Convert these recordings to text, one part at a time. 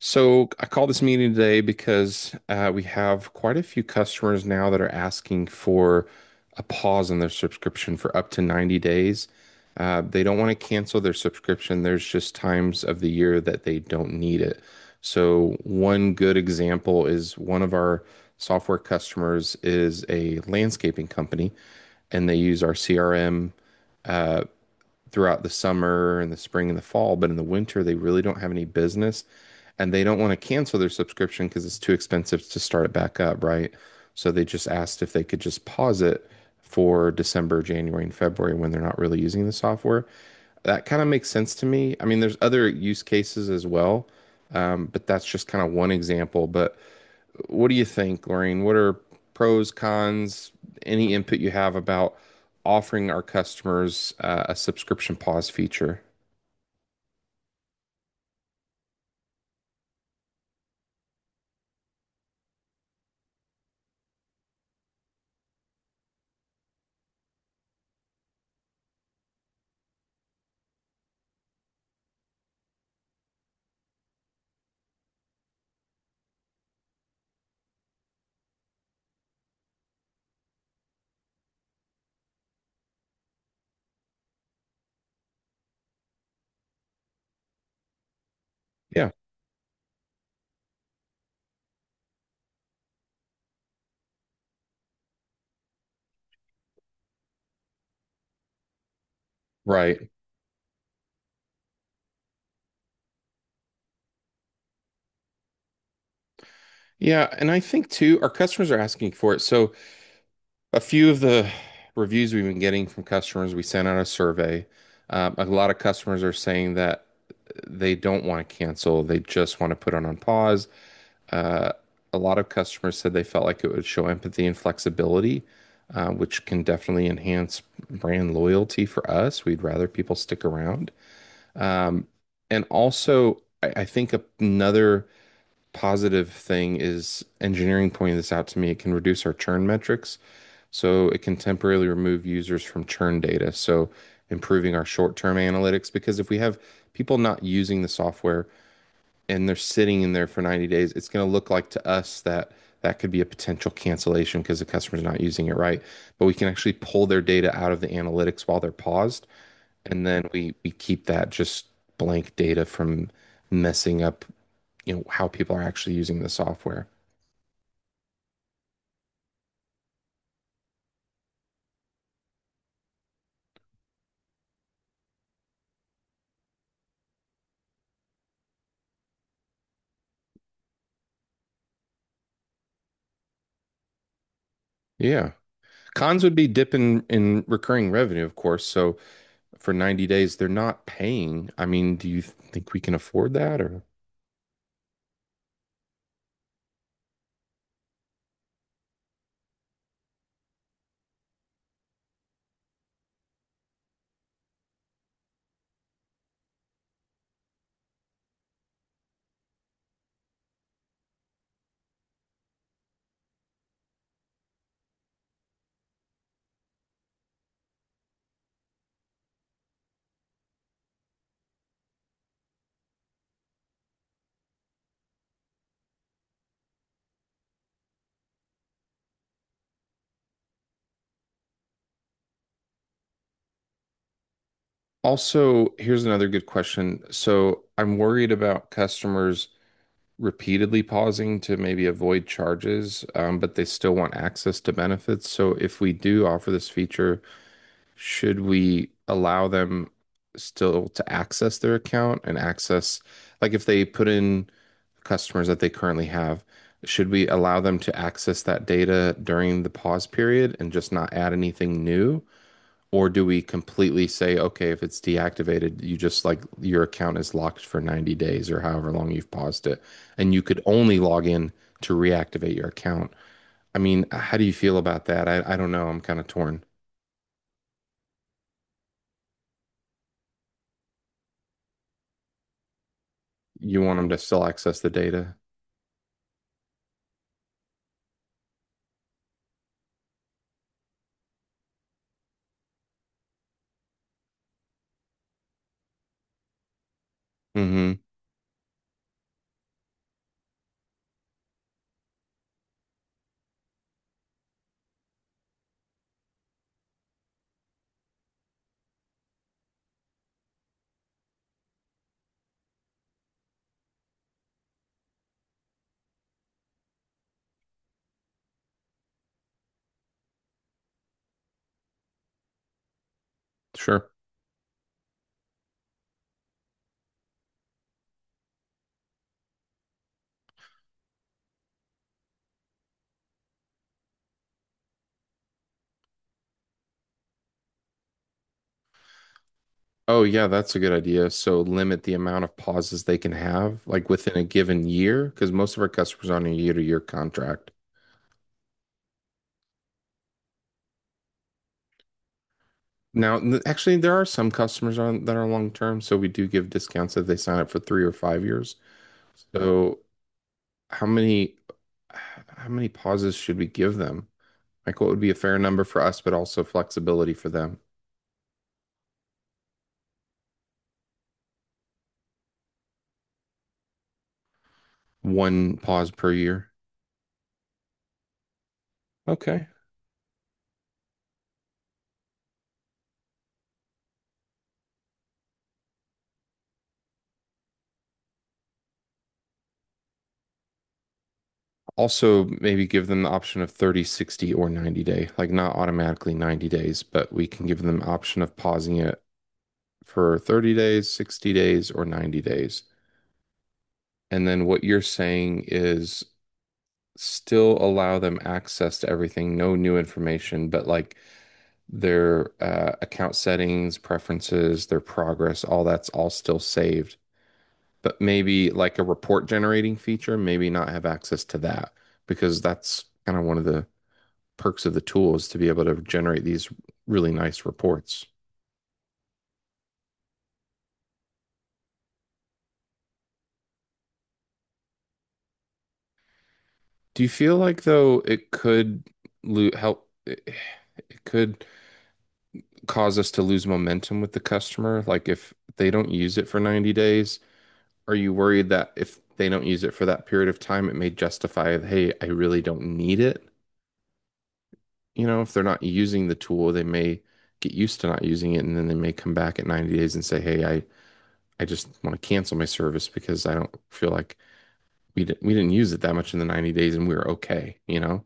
So I called this meeting today because we have quite a few customers now that are asking for a pause in their subscription for up to 90 days. They don't want to cancel their subscription. There's just times of the year that they don't need it. So one good example is one of our software customers is a landscaping company and they use our CRM. Uh, Throughout the summer and the spring and the fall, but in the winter they really don't have any business and they don't want to cancel their subscription because it's too expensive to start it back up, right? So they just asked if they could just pause it for December, January, and February when they're not really using the software. That kind of makes sense to me. I mean, there's other use cases as well, but that's just kind of one example. But what do you think, Lorraine? What are pros, cons, any input you have about offering our customers a subscription pause feature? Yeah, right. Yeah, and I think too, our customers are asking for it. So a few of the reviews we've been getting from customers, we sent out a survey. A lot of customers are saying that they don't want to cancel. They just want to put it on pause. Uh, a lot of customers said they felt like it would show empathy and flexibility, which can definitely enhance brand loyalty for us. We'd rather people stick around. Um, and also, I think another positive thing is engineering pointed this out to me. It can reduce our churn metrics, so it can temporarily remove users from churn data. So improving our short-term analytics, because if we have people not using the software, and they're sitting in there for 90 days, it's going to look like to us that that could be a potential cancellation because the customer's not using it right. But we can actually pull their data out of the analytics while they're paused, and then we keep that just blank data from messing up how people are actually using the software. Yeah. Cons would be dip in recurring revenue, of course. So for 90 days, they're not paying. I mean, do you think we can afford that or? Also, here's another good question. So I'm worried about customers repeatedly pausing to maybe avoid charges, but they still want access to benefits. So if we do offer this feature, should we allow them still to access their account and access, like if they put in customers that they currently have, should we allow them to access that data during the pause period and just not add anything new? Or do we completely say, okay, if it's deactivated, you just like your account is locked for 90 days or however long you've paused it, and you could only log in to reactivate your account? I mean, how do you feel about that? I don't know. I'm kind of torn. You want them to still access the data? Hmm. Sure. Oh, yeah, that's a good idea. So limit the amount of pauses they can have, like within a given year, because most of our customers are on a year-to-year contract. Now, actually, there are some customers on that are long term, so we do give discounts if they sign up for 3 or 5 years. So, how many how many pauses should we give them? Like, what would be a fair number for us, but also flexibility for them? One pause per year. Okay. Also, maybe give them the option of 30, 60, or 90 day. Like, not automatically 90 days, but we can give them the option of pausing it for 30 days, 60 days, or 90 days. And then what you're saying is still allow them access to everything, no new information, but like their account settings, preferences, their progress, all that's all still saved. But maybe like a report generating feature, maybe not have access to that because that's kind of one of the perks of the tool is to be able to generate these really nice reports. Do you feel like though it could lo help? It could cause us to lose momentum with the customer. Like if they don't use it for 90 days, are you worried that if they don't use it for that period of time, it may justify, hey, I really don't need it? You know, if they're not using the tool, they may get used to not using it and then they may come back at 90 days and say, hey, I just want to cancel my service because I don't feel like we didn't use it that much in the 90 days and we were okay, you know?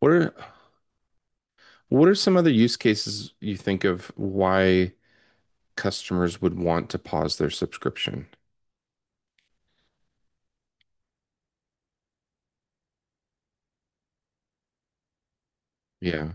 What are what are some other use cases you think of why customers would want to pause their subscription? Yeah,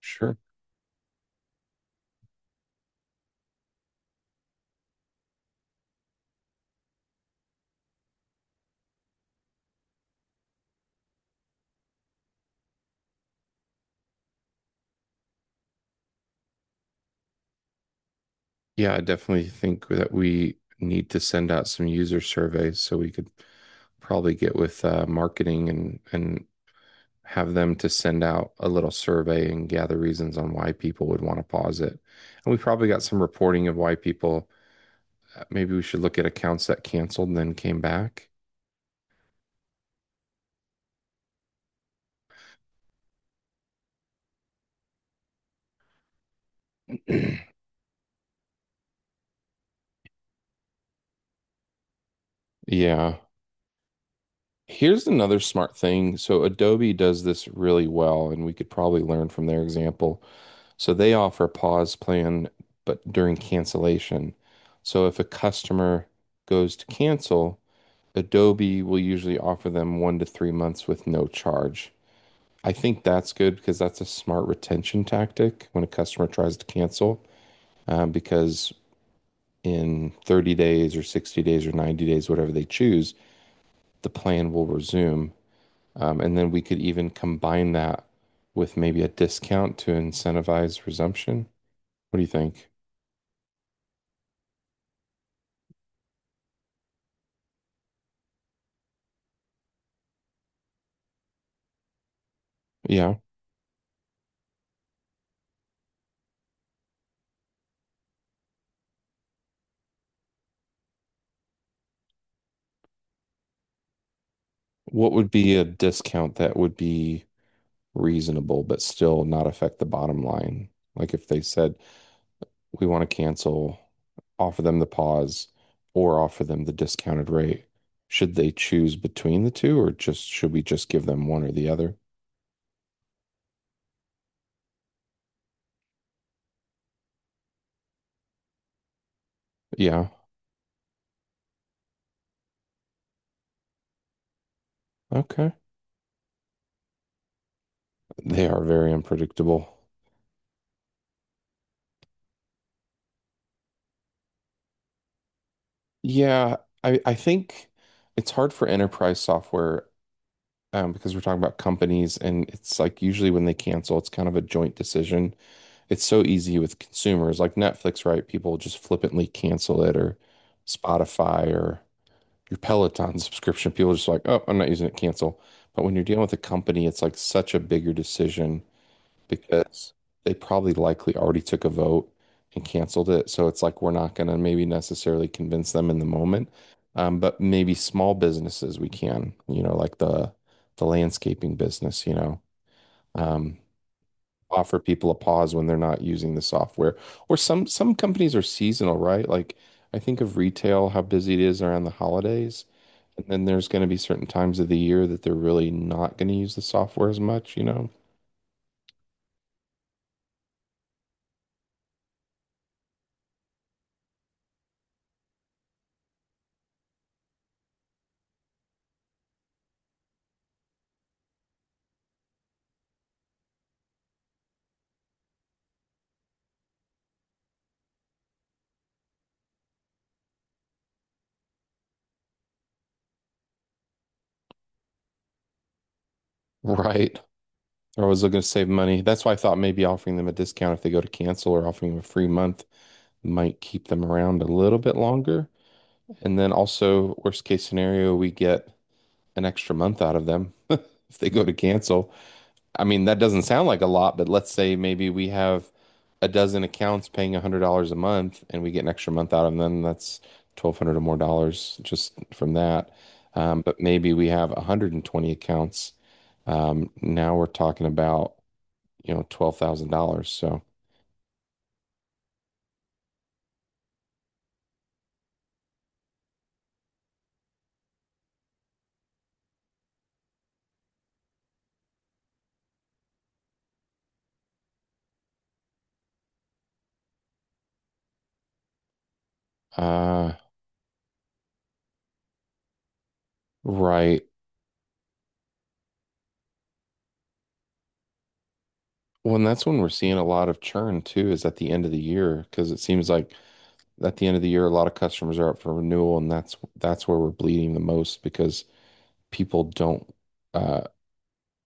sure. Yeah, I definitely think that we need to send out some user surveys so we could probably get with marketing and have them to send out a little survey and gather reasons on why people would want to pause it. And we probably got some reporting of why people, maybe we should look at accounts that canceled and then came back. Yeah. Here's another smart thing. So Adobe does this really well, and we could probably learn from their example. So they offer a pause plan, but during cancellation. So if a customer goes to cancel, Adobe will usually offer them 1 to 3 months with no charge. I think that's good because that's a smart retention tactic when a customer tries to cancel, because in 30 days or 60 days or 90 days, whatever they choose, the plan will resume. And then we could even combine that with maybe a discount to incentivize resumption. What do you think? Yeah. What would be a discount that would be reasonable but still not affect the bottom line? Like if they said, we want to cancel, offer them the pause or offer them the discounted rate. Should they choose between the two or just should we just give them one or the other? Yeah. Okay. They are very unpredictable. Yeah, I think it's hard for enterprise software because we're talking about companies and it's like usually when they cancel, it's kind of a joint decision. It's so easy with consumers like Netflix, right? People just flippantly cancel it or Spotify or your Peloton subscription. People are just like, oh, I'm not using it, cancel. But when you're dealing with a company, it's like such a bigger decision because they probably likely already took a vote and canceled it. So it's like we're not going to maybe necessarily convince them in the moment. But maybe small businesses we can, you know, like the landscaping business, you know. Um, Offer people a pause when they're not using the software. Or some companies are seasonal, right? Like I think of retail, how busy it is around the holidays. And then there's going to be certain times of the year that they're really not going to use the software as much, you know? Right. They're always looking to save money. That's why I thought maybe offering them a discount if they go to cancel or offering them a free month might keep them around a little bit longer. And then also, worst case scenario, we get an extra month out of them if they go to cancel. I mean, that doesn't sound like a lot, but let's say maybe we have a dozen accounts paying $100 a month and we get an extra month out of them. That's 1,200 or more dollars just from that. But maybe we have 120 accounts. Now we're talking about $12,000. So, uh, right. Well, and that's when we're seeing a lot of churn too, is at the end of the year, because it seems like at the end of the year, a lot of customers are up for renewal, and that's where we're bleeding the most because people don't uh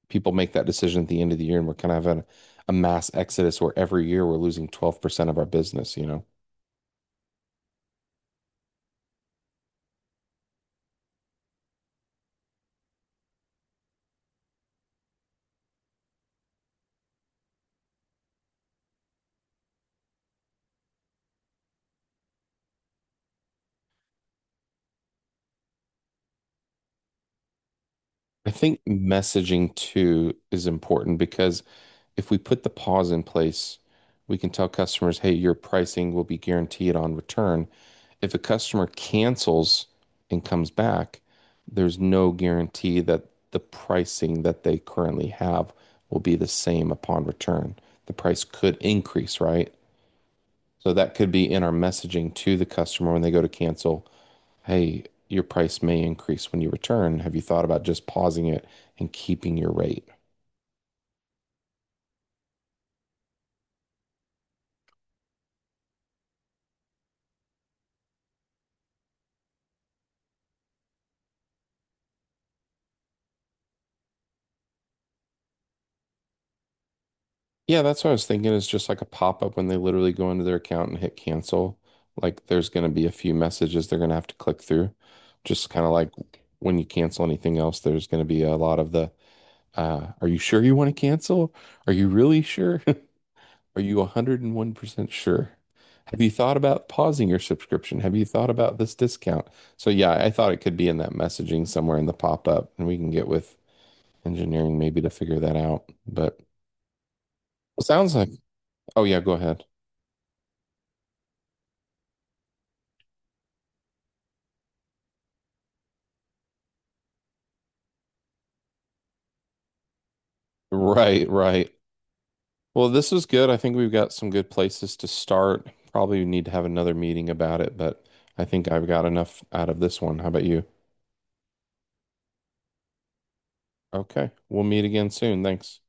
people make that decision at the end of the year and we're kind of having a mass exodus where every year we're losing 12% of our business, you know. I think messaging too is important because if we put the pause in place, we can tell customers, hey, your pricing will be guaranteed on return. If a customer cancels and comes back, there's no guarantee that the pricing that they currently have will be the same upon return. The price could increase, right? So that could be in our messaging to the customer when they go to cancel. Hey, your price may increase when you return. Have you thought about just pausing it and keeping your rate? Yeah, that's what I was thinking is just like a pop-up when they literally go into their account and hit cancel. Like there's going to be a few messages they're going to have to click through. Just kind of like when you cancel anything else, there's going to be a lot of the, are you sure you want to cancel? Are you really sure? Are you 101% sure? Have you thought about pausing your subscription? Have you thought about this discount? So, yeah, I thought it could be in that messaging somewhere in the pop-up, and we can get with engineering maybe to figure that out. But it sounds like, oh, yeah, go ahead. Right, right. Well, this was good. I think we've got some good places to start. Probably need to have another meeting about it, but I think I've got enough out of this one. How about you? Okay, we'll meet again soon. Thanks.